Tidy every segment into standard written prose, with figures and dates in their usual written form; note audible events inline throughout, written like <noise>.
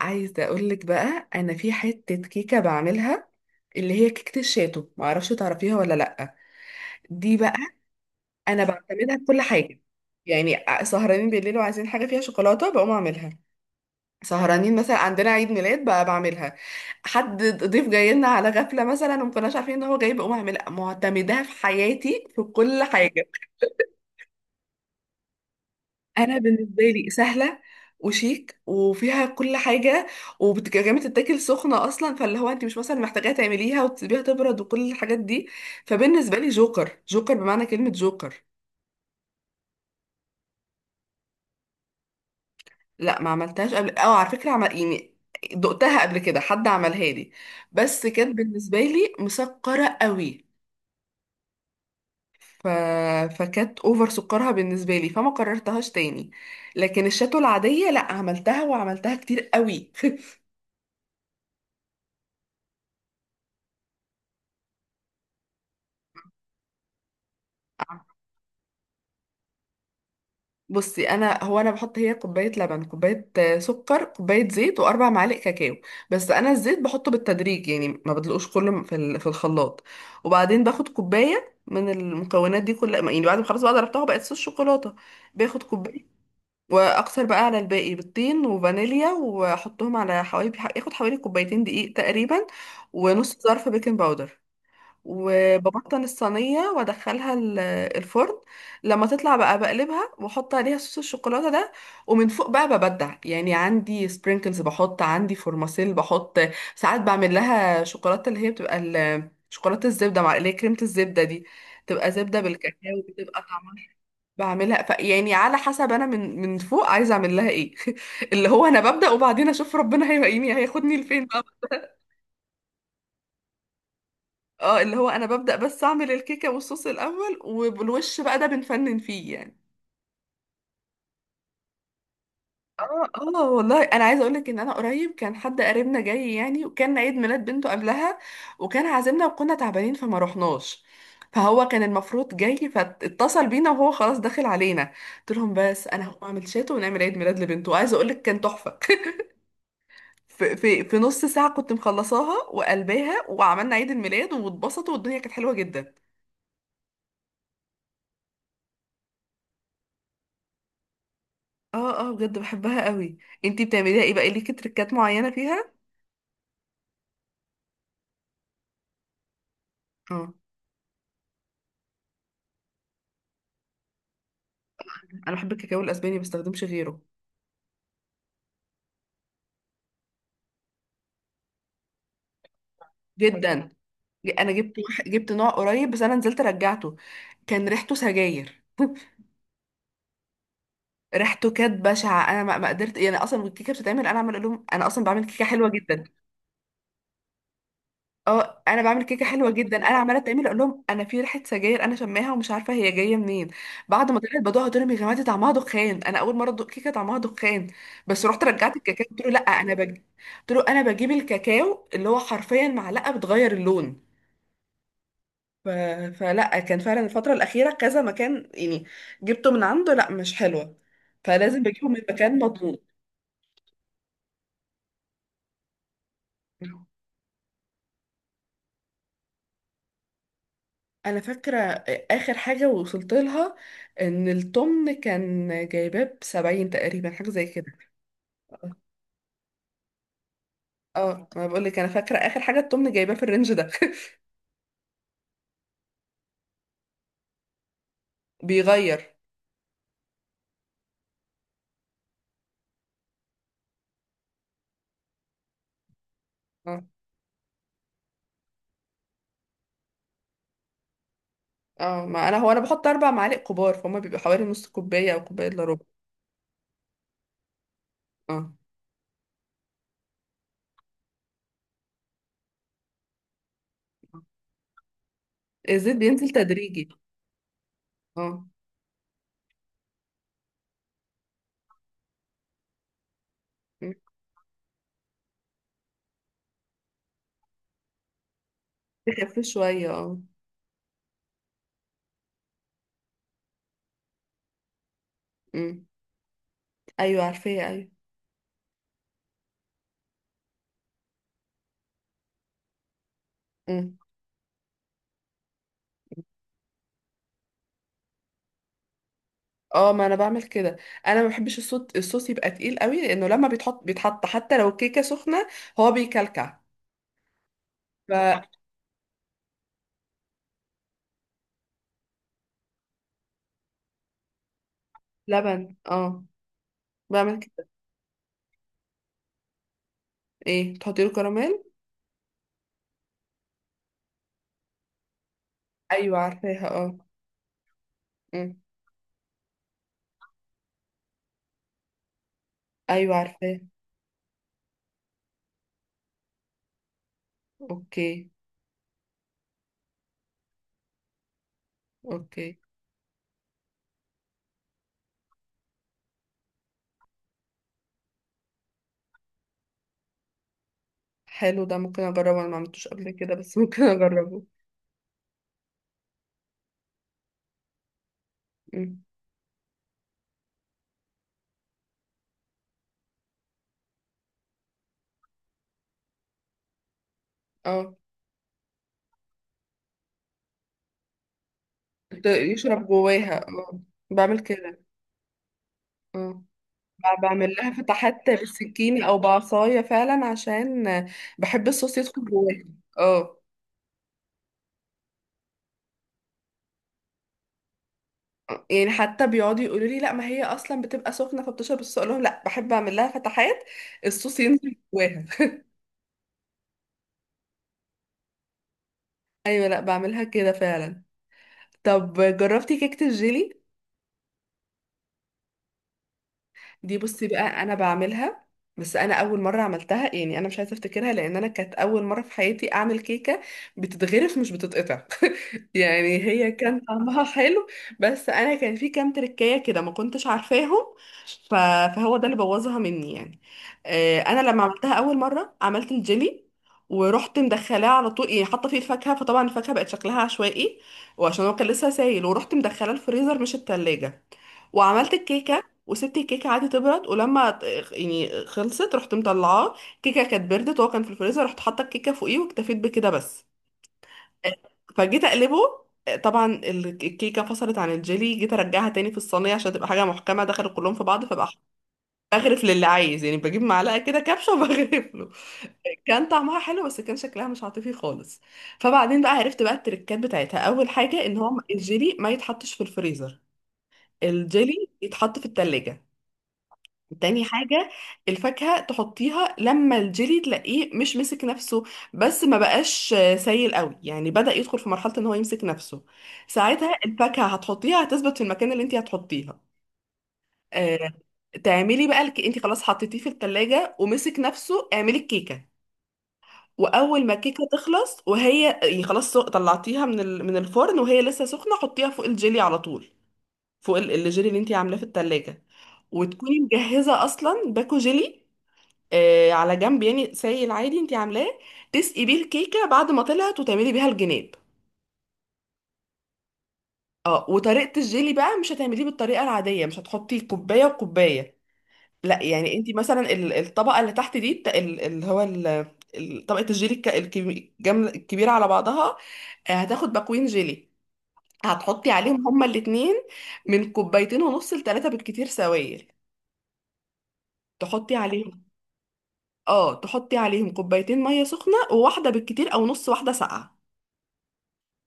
عايزة أقولك بقى أنا في حتة كيكة بعملها، اللي هي كيكة الشاتو. معرفش تعرفيها ولا لأ. دي بقى أنا بعتمدها في كل حاجة، يعني سهرانين بالليل وعايزين حاجة فيها شوكولاتة بقوم أعملها. سهرانين مثلا عندنا عيد ميلاد بقى بعملها. حد ضيف جاي لنا على غفلة مثلا ومكناش عارفين إن هو جاي بقوم أعملها، معتمداها في حياتي في كل حاجة. انا بالنسبه لي سهله وشيك وفيها كل حاجه. وكمان بتتاكل سخنه اصلا، فاللي هو انت مش مثلا محتاجاها تعمليها وتسيبيها تبرد وكل الحاجات دي. فبالنسبه لي جوكر، جوكر بمعنى كلمه جوكر. لا، ما عملتهاش قبل، اه، على فكره عمل يعني دقتها قبل كده، حد عملها لي، بس كانت بالنسبه لي مسكره قوي. ف... فكانت اوفر سكرها بالنسبه لي فما قررتهاش تاني. لكن الشاتو العاديه لا، عملتها وعملتها كتير قوي. <laughs> بصي، انا بحط هي كوبايه لبن، كوبايه سكر، كوبايه زيت، واربع معالق كاكاو. بس انا الزيت بحطه بالتدريج، يعني ما بدلقوش كله في الخلاط. وبعدين باخد كوبايه من المكونات دي كلها، يعني بعد ما خلاص بقى ضربتها بقت صوص شوكولاته، باخد كوبايه واكثر بقى على الباقي، بالطين وفانيليا، واحطهم على حوالي، ياخد حوالي كوبايتين دقيق تقريبا ونص ظرف بيكنج باودر. وببطن الصينية وادخلها الفرن. لما تطلع بقى بقلبها واحط عليها صوص الشوكولاتة ده، ومن فوق بقى ببدع. يعني عندي سبرينكلز بحط، عندي فورماسيل بحط، ساعات بعمل لها شوكولاتة، اللي هي بتبقى شوكولاتة الزبدة، مع اللي هي كريمة الزبدة دي، بتبقى زبدة بالكاكاو، بتبقى طعمها. بعملها ف يعني على حسب انا من فوق عايزه اعمل لها ايه. <laughs> اللي هو انا ببدأ وبعدين اشوف ربنا هيلاقيني هياخدني لفين بقى. اه، اللي هو انا ببدأ بس اعمل الكيكة والصوص الاول، والوش بقى ده بنفنن فيه يعني. اه. اه والله انا عايزه اقول لك ان انا قريب كان حد قريبنا جاي يعني، وكان عيد ميلاد بنته قبلها، وكان عازمنا وكنا تعبانين فما رحناش. فهو كان المفروض جاي فاتصل بينا وهو خلاص داخل علينا، قلت لهم بس انا هقوم اعمل شاتو ونعمل عيد ميلاد لبنته، وعايزه اقول لك كان تحفه. <laughs> في نص ساعه كنت مخلصاها وقلباها وعملنا عيد الميلاد واتبسطوا والدنيا كانت حلوه جدا. اه. اه، بجد بحبها قوي. انتي بتعمليها ايه بقى؟ ليكي تريكات معينه فيها؟ اه، انا بحب الكاكاو الاسباني، ما بستخدمش غيره. جدا. انا جبت نوع قريب، بس انا نزلت رجعته، كان ريحته سجاير. ريحته كانت بشعه، انا ما قدرت. يعني اصلا الكيكه بتتعمل، انا عمال اقول لهم انا اصلا بعمل كيكه حلوه جدا. اه، انا بعمل كيكه حلوه جدا، انا عماله اتعمل اقول لهم انا في ريحه سجاير، انا شماها ومش عارفه هي جايه منين. بعد ما طلعت بدوقها قلت لهم يا جماعه دي طعمها دخان، انا اول مره ادوق كيكه طعمها دخان. بس رحت رجعت الكاكاو، قلت له لا انا قلت له انا بجيب الكاكاو اللي هو حرفيا معلقه بتغير اللون. ف... فلا، كان فعلا الفتره الاخيره كذا مكان يعني جبته من عنده، لا، مش حلوه. فلازم بجيبه من مكان مضمون. انا فاكره اخر حاجه وصلت لها ان الطمن كان جايباه ب 70 تقريبا، حاجه زي كده. اه، ما بقول لك انا فاكره اخر حاجه الطمن جايباه في الرينج ده. <laughs> بيغير. اه. اه، ما انا هو انا بحط اربع معالق كبار، فهم بيبقى حوالي نص كوبايه او كوبايه الا ربع. اه. الزيت بينزل تدريجي. اه. م. بيخف شويه، اه. م. ايوه، عارفاه، ايوه. م. اه، ما انا بعمل كده. انا ما بحبش الصوت، الصوص يبقى تقيل قوي، لانه لما بيتحط بيتحط حتى لو الكيكه سخنه هو بيكلكع. فلبن، اه، بعمل كده. ايه، تحطي له كراميل؟ ايوه عارفاها، اه. أمم. ايوه عارفاها. اوكي. اوكي. حلو، ده ممكن اجربه، انا ما عملتوش قبل كده، بس <laughs> ممكن اجربه. أمم. اه. يشرب جواها، اه، بعمل كده. اه. بعمل لها فتحات بالسكينه او بعصايه فعلا عشان بحب الصوص يدخل جواها. اه. يعني حتى بيقعدوا يقولوا لي لا ما هي اصلا بتبقى سخنه فبتشرب الصوص، اقول لهم لا، بحب اعمل لها فتحات، الصوص ينزل جواها. <laughs> ايوه، لا بعملها كده فعلا. طب، جربتي كيكه الجيلي؟ دي بصي بقى انا بعملها. بس انا اول مره عملتها، يعني انا مش عايزه افتكرها لان انا كانت اول مره في حياتي اعمل كيكه، بتتغرف مش بتتقطع. <laughs> يعني هي كان طعمها حلو، بس انا كان في كام تركايه كده ما كنتش عارفاهم. ف- فهو ده اللي بوظها مني يعني. انا لما عملتها اول مره عملت الجيلي ورحت مدخلاه على طول، يعني حاطه فيه الفاكهه، فطبعا الفاكهه بقت شكلها عشوائي، وعشان هو كان لسه سايل ورحت مدخلاه الفريزر مش التلاجة. وعملت الكيكه وسبت الكيكه عادي تبرد. ولما يعني خلصت رحت مطلعاه، الكيكه كانت بردت وهو كان في الفريزر، رحت حاطه الكيكه فوقيه واكتفيت بكده بس. فجيت اقلبه، طبعا الكيكه فصلت عن الجيلي، جيت ارجعها تاني في الصينيه عشان تبقى حاجه محكمه، دخلوا كلهم في بعض. فبقى بغرف للي عايز يعني، بجيب معلقه كده كبشه <laughs> وبغرف له. كان طعمها حلو بس كان شكلها مش عاطفي خالص. فبعدين بقى عرفت بقى التركات بتاعتها. اول حاجه ان هو الجيلي ما يتحطش في الفريزر، الجيلي يتحط في التلاجة. تاني حاجة، الفاكهة تحطيها لما الجيلي تلاقيه مش مسك نفسه، بس ما بقاش سايل قوي، يعني بدأ يدخل في مرحلة ان هو يمسك نفسه. ساعتها الفاكهة هتحطيها هتثبت في المكان اللي انت هتحطيها. آه، تعملي بقى انت خلاص حطيتيه في التلاجة ومسك نفسه، اعملي الكيكة. واول ما الكيكة تخلص وهي يعني خلاص طلعتيها من الفرن، وهي لسه سخنة حطيها فوق الجيلي على طول، فوق الجيلي اللي انت عاملاه في التلاجة. وتكوني مجهزة اصلا باكو جيلي، آه على جنب يعني سايل، العادي انت عاملاه، تسقي بيه الكيكه بعد ما طلعت، وتعملي بيها الجناب. اه. وطريقه الجيلي بقى مش هتعمليه بالطريقه العاديه، مش هتحطي كوبايه وكوبايه. لا، يعني انت مثلا الطبقه اللي تحت دي اللي هو طبقه الجيلي الكبيره على بعضها. هتاخد باكوين جيلي، هتحطي عليهم هما الاتنين من كوبايتين ونص لتلاته بالكتير سوائل. تحطي عليهم، اه، تحطي عليهم كوبايتين ميه سخنه وواحده بالكتير، او نص واحده ساقعه.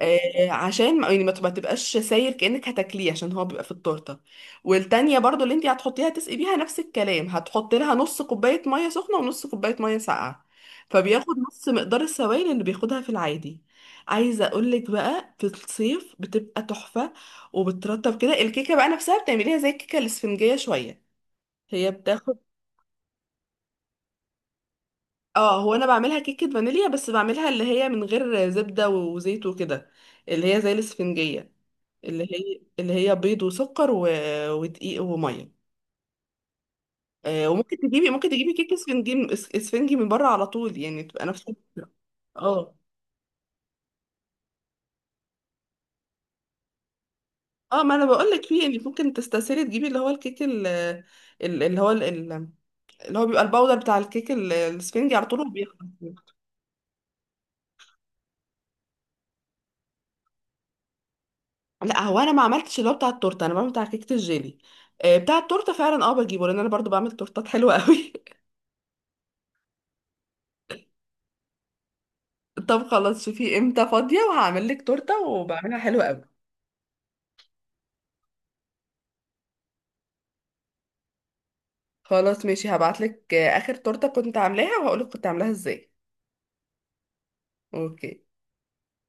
عشان ما يعني ما تبقاش ساير كأنك هتاكليه عشان هو بيبقى في التورته. والتانية برضو اللي انت هتحطيها تسقي بيها، نفس الكلام، هتحطي لها نص كوباية مية سخنة ونص كوباية مية ساقعة، فبياخد نص مقدار السوائل اللي بياخدها في العادي. عايزة اقولك بقى في الصيف بتبقى تحفة، وبترطب كده الكيكة بقى نفسها، بتعمليها زي الكيكة الاسفنجية شوية، هي بتاخد. اه، هو انا بعملها كيكة فانيليا، بس بعملها اللي هي من غير زبدة وزيت وكده، اللي هي زي الاسفنجية، اللي هي اللي هي بيض وسكر ودقيق وميه. وممكن تجيبي ممكن تجيبي كيك اسفنجي اسفنجي من بره على طول، يعني تبقى نفس الفكرة. اه. اه، ما انا بقول لك فيه، يعني ممكن تستسهلي تجيبي اللي هو الكيك اللي هو اللي هو بيبقى الباودر بتاع الكيك الاسفنجي على طول وبيخلص. لا، هو انا ما عملتش اللي هو بتاع التورته، انا بعمل بتاع كيكه الجيلي. بتاع التورته فعلا اه بجيبه، لان انا برضو بعمل تورتات حلوه قوي. <laughs> طب خلاص، شوفي امتى فاضيه وهعمل لك تورته وبعملها حلوه قوي. خلاص ماشي، هبعتلك اخر تورته كنت عاملاها وهقولك كنت عاملاها ازاي. اوكي.